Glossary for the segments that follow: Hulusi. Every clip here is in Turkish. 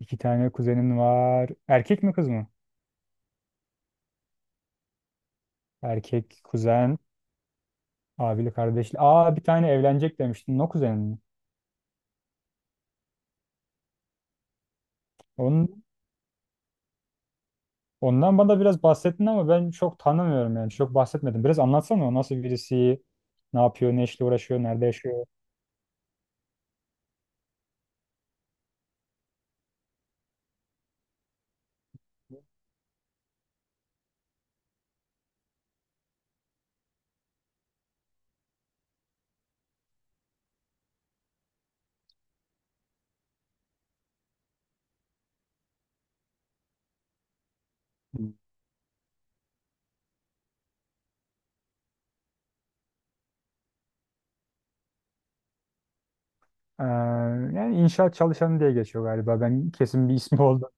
İki tane kuzenin var. Erkek mi kız mı? Erkek kuzen. Abili kardeşli. Aa, bir tane evlenecek demiştin. O kuzenin mi? Onun, ondan bana biraz bahsettin ama ben çok tanımıyorum yani. Çok bahsetmedim. Biraz anlatsana, o nasıl birisi, ne yapıyor, ne işle uğraşıyor, nerede yaşıyor. Ee, Yani inşaat çalışanı diye geçiyor galiba. Ben kesin bir ismi oldu.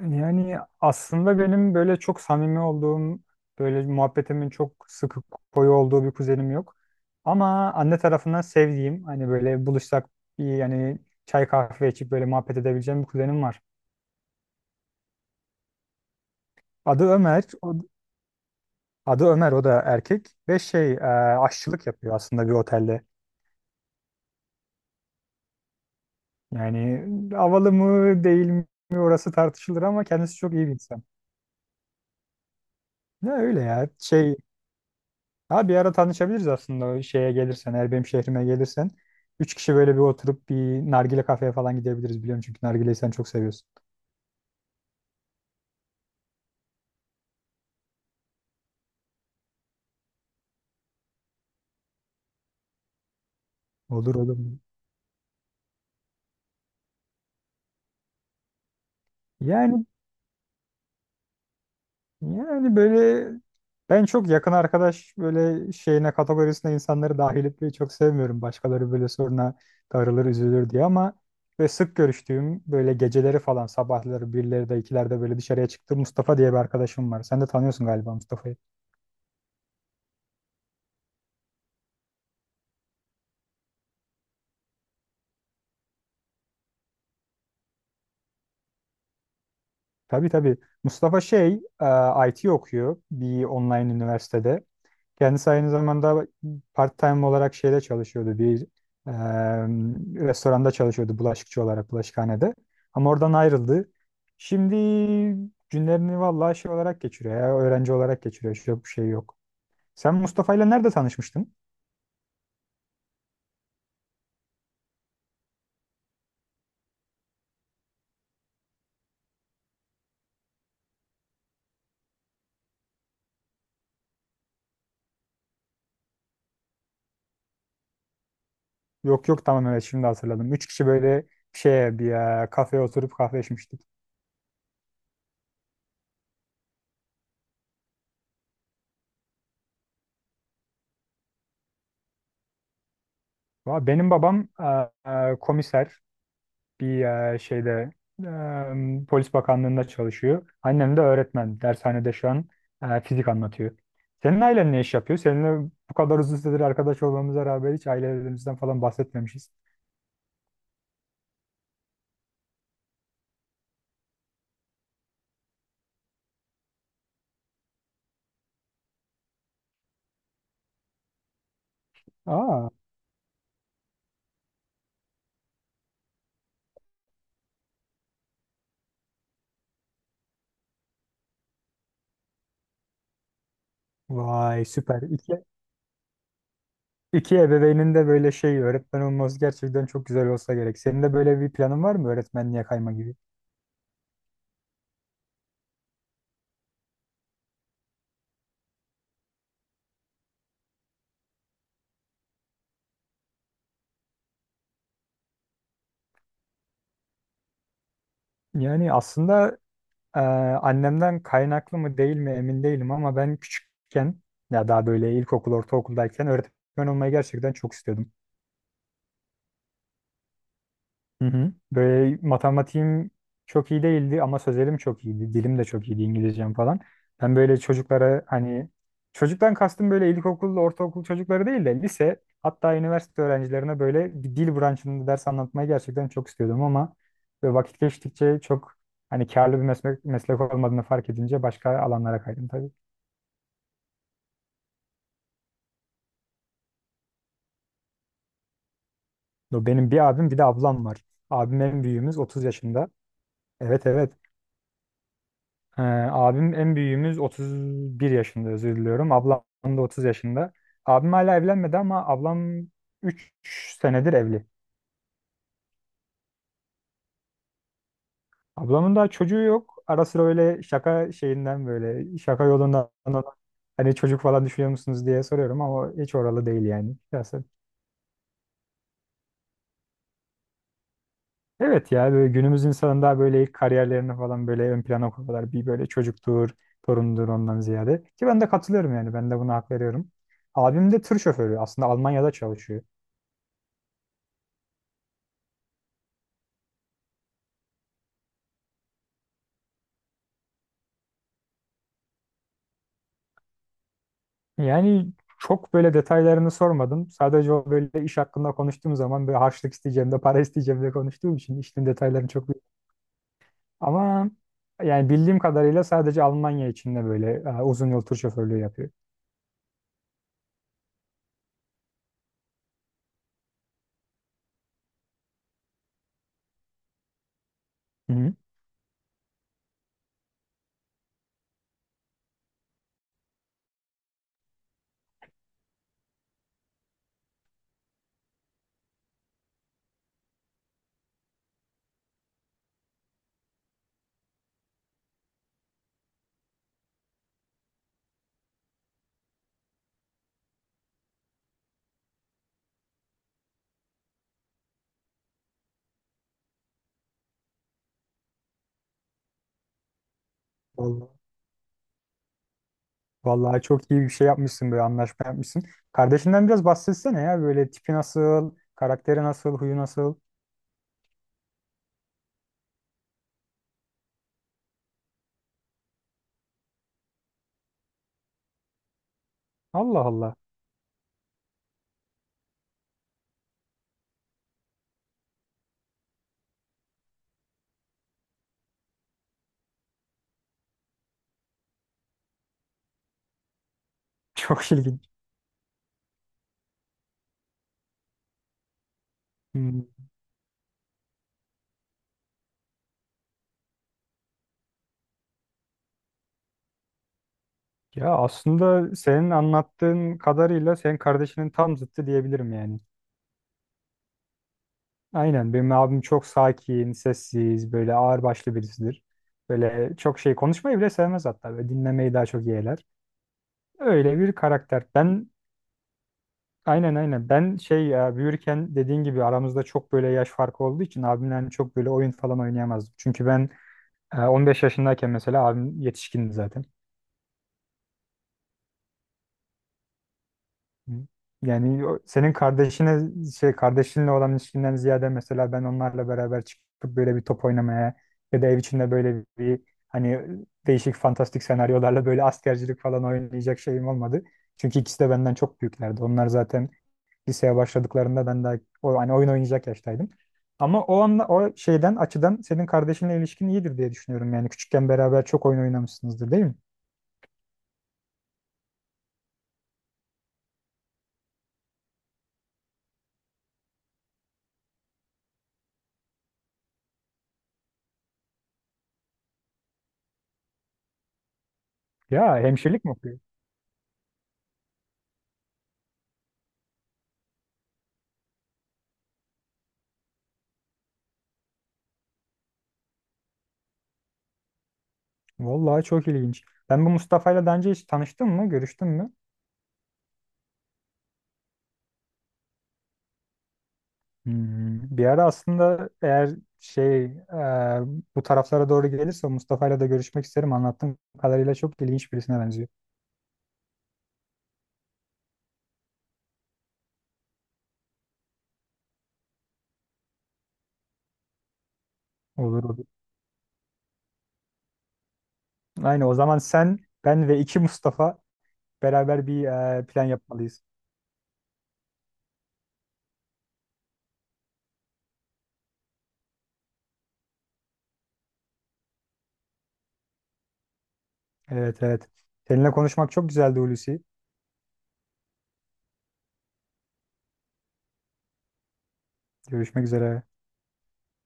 Yani aslında benim böyle çok samimi olduğum, böyle muhabbetimin çok sıkı koyu olduğu bir kuzenim yok. Ama anne tarafından sevdiğim, hani böyle buluşsak bir yani çay kahve içip böyle muhabbet edebileceğim bir kuzenim var. Adı Ömer, adı Ömer, o da erkek ve şey aşçılık yapıyor aslında bir otelde. Yani havalı mı değil mi orası tartışılır ama kendisi çok iyi bir insan. Ne öyle ya şey. Ha, bir ara tanışabiliriz aslında, o şeye gelirsen, eğer benim şehrime gelirsen. Üç kişi böyle bir oturup bir nargile kafeye falan gidebiliriz, biliyorum çünkü nargileyi sen çok seviyorsun. Olur olur. Yani yani böyle ben çok yakın arkadaş böyle şeyine kategorisine insanları dahil etmeyi çok sevmiyorum. Başkaları böyle soruna darılır üzülür diye ama sık görüştüğüm, böyle geceleri falan sabahları birleri de ikilerde böyle dışarıya çıktığım Mustafa diye bir arkadaşım var. Sen de tanıyorsun galiba Mustafa'yı. Tabii tabii. Mustafa şey, IT okuyor bir online üniversitede. Kendisi aynı zamanda part-time olarak şeyde çalışıyordu. Bir e, restoranda çalışıyordu, bulaşıkçı olarak, bulaşıkhanede. Ama oradan ayrıldı. Şimdi günlerini vallahi şey olarak geçiriyor ya, öğrenci olarak geçiriyor. Hiç yok, bir şey yok. Sen Mustafa'yla nerede tanışmıştın? Yok yok, tamam, evet, şimdi hatırladım. Üç kişi böyle şeye bir kafeye oturup kahve içmiştik. Benim babam komiser. Bir şeyde Polis Bakanlığı'nda çalışıyor. Annem de öğretmen. Dershanede şu an fizik anlatıyor. Senin ailen ne iş yapıyor? Seninle bu kadar uzun süredir arkadaş olmamıza rağmen hiç ailelerimizden falan bahsetmemişiz. Aa, vay, süper. İki, iki ebeveynin de böyle şey öğretmen olması gerçekten çok güzel olsa gerek. Senin de böyle bir planın var mı, öğretmenliğe kayma gibi? Yani aslında Ee, annemden kaynaklı mı değil mi emin değilim ama ben küçükken, ya daha böyle ilkokul, ortaokuldayken öğretmen olmayı gerçekten çok istiyordum. Hı hı. Böyle matematiğim çok iyi değildi ama sözelim çok iyiydi. Dilim de çok iyiydi, İngilizcem falan. Ben böyle çocuklara, hani çocuktan kastım böyle ilkokul, ortaokul çocukları değil de lise hatta üniversite öğrencilerine böyle bir dil branşında ders anlatmayı gerçekten çok istiyordum ama böyle vakit geçtikçe çok hani karlı bir meslek, meslek olmadığını fark edince başka alanlara kaydım. Yo, benim bir abim bir de ablam var. Abim en büyüğümüz, 30 yaşında. Evet evet. Ee, Abim en büyüğümüz 31 yaşında, özür diliyorum. Ablam da 30 yaşında. Abim hala evlenmedi ama ablam 3 senedir evli. Ablamın da çocuğu yok. Ara sıra öyle şaka şeyinden, böyle şaka yolundan ona, hani çocuk falan düşünüyor musunuz diye soruyorum ama hiç oralı değil yani. Biraz. Evet ya, böyle günümüz insanında böyle ilk kariyerlerini falan böyle ön plana koyuyorlar. Bir böyle çocuktur, torundur ondan ziyade. Ki ben de katılıyorum yani, ben de buna hak veriyorum. Abim de tır şoförü aslında, Almanya'da çalışıyor. Yani çok böyle detaylarını sormadım. Sadece o böyle iş hakkında konuştuğum zaman böyle harçlık isteyeceğim de para isteyeceğim de konuştuğum için işin detaylarını çok ama yani bildiğim kadarıyla sadece Almanya içinde böyle uzun yol tur şoförlüğü yapıyor. Hı hı. Vallahi çok iyi bir şey yapmışsın, böyle anlaşma yapmışsın. Kardeşinden biraz bahsetsene ya, böyle tipi nasıl, karakteri nasıl, huyu nasıl. Allah Allah. Çok ilginç. Hmm. Ya aslında senin anlattığın kadarıyla senin kardeşinin tam zıttı diyebilirim yani. Aynen, benim abim çok sakin, sessiz, böyle ağırbaşlı birisidir. Böyle çok şey konuşmayı bile sevmez hatta. Böyle dinlemeyi daha çok yeğler. Öyle bir karakter. Ben. Aynen aynen. Ben şey, ya büyürken dediğin gibi aramızda çok böyle yaş farkı olduğu için abimle hani çok böyle oyun falan oynayamazdım. Çünkü ben 15 yaşındayken mesela abim yetişkindi zaten. Hı. Yani senin kardeşine şey, kardeşinle olan ilişkinden ziyade mesela ben onlarla beraber çıkıp böyle bir top oynamaya ya da ev içinde böyle bir hani değişik fantastik senaryolarla böyle askercilik falan oynayacak şeyim olmadı. Çünkü ikisi de benden çok büyüklerdi. Onlar zaten liseye başladıklarında ben daha hani oyun oynayacak yaştaydım. Ama o anla o şeyden açıdan senin kardeşinle ilişkin iyidir diye düşünüyorum. Yani küçükken beraber çok oyun oynamışsınızdır değil mi? Ya hemşirelik mi okuyor? Vallahi çok ilginç. Ben bu Mustafa'yla daha önce hiç tanıştın mı? Görüştün mü? Hmm, bir ara aslında eğer şey bu taraflara doğru gelirse Mustafa'yla da görüşmek isterim. Anlattığım kadarıyla çok ilginç birisine benziyor. Olur olur. Aynı o zaman sen, ben ve iki Mustafa beraber bir plan yapmalıyız. Evet evet. Seninle konuşmak çok güzeldi, Hulusi. Görüşmek üzere.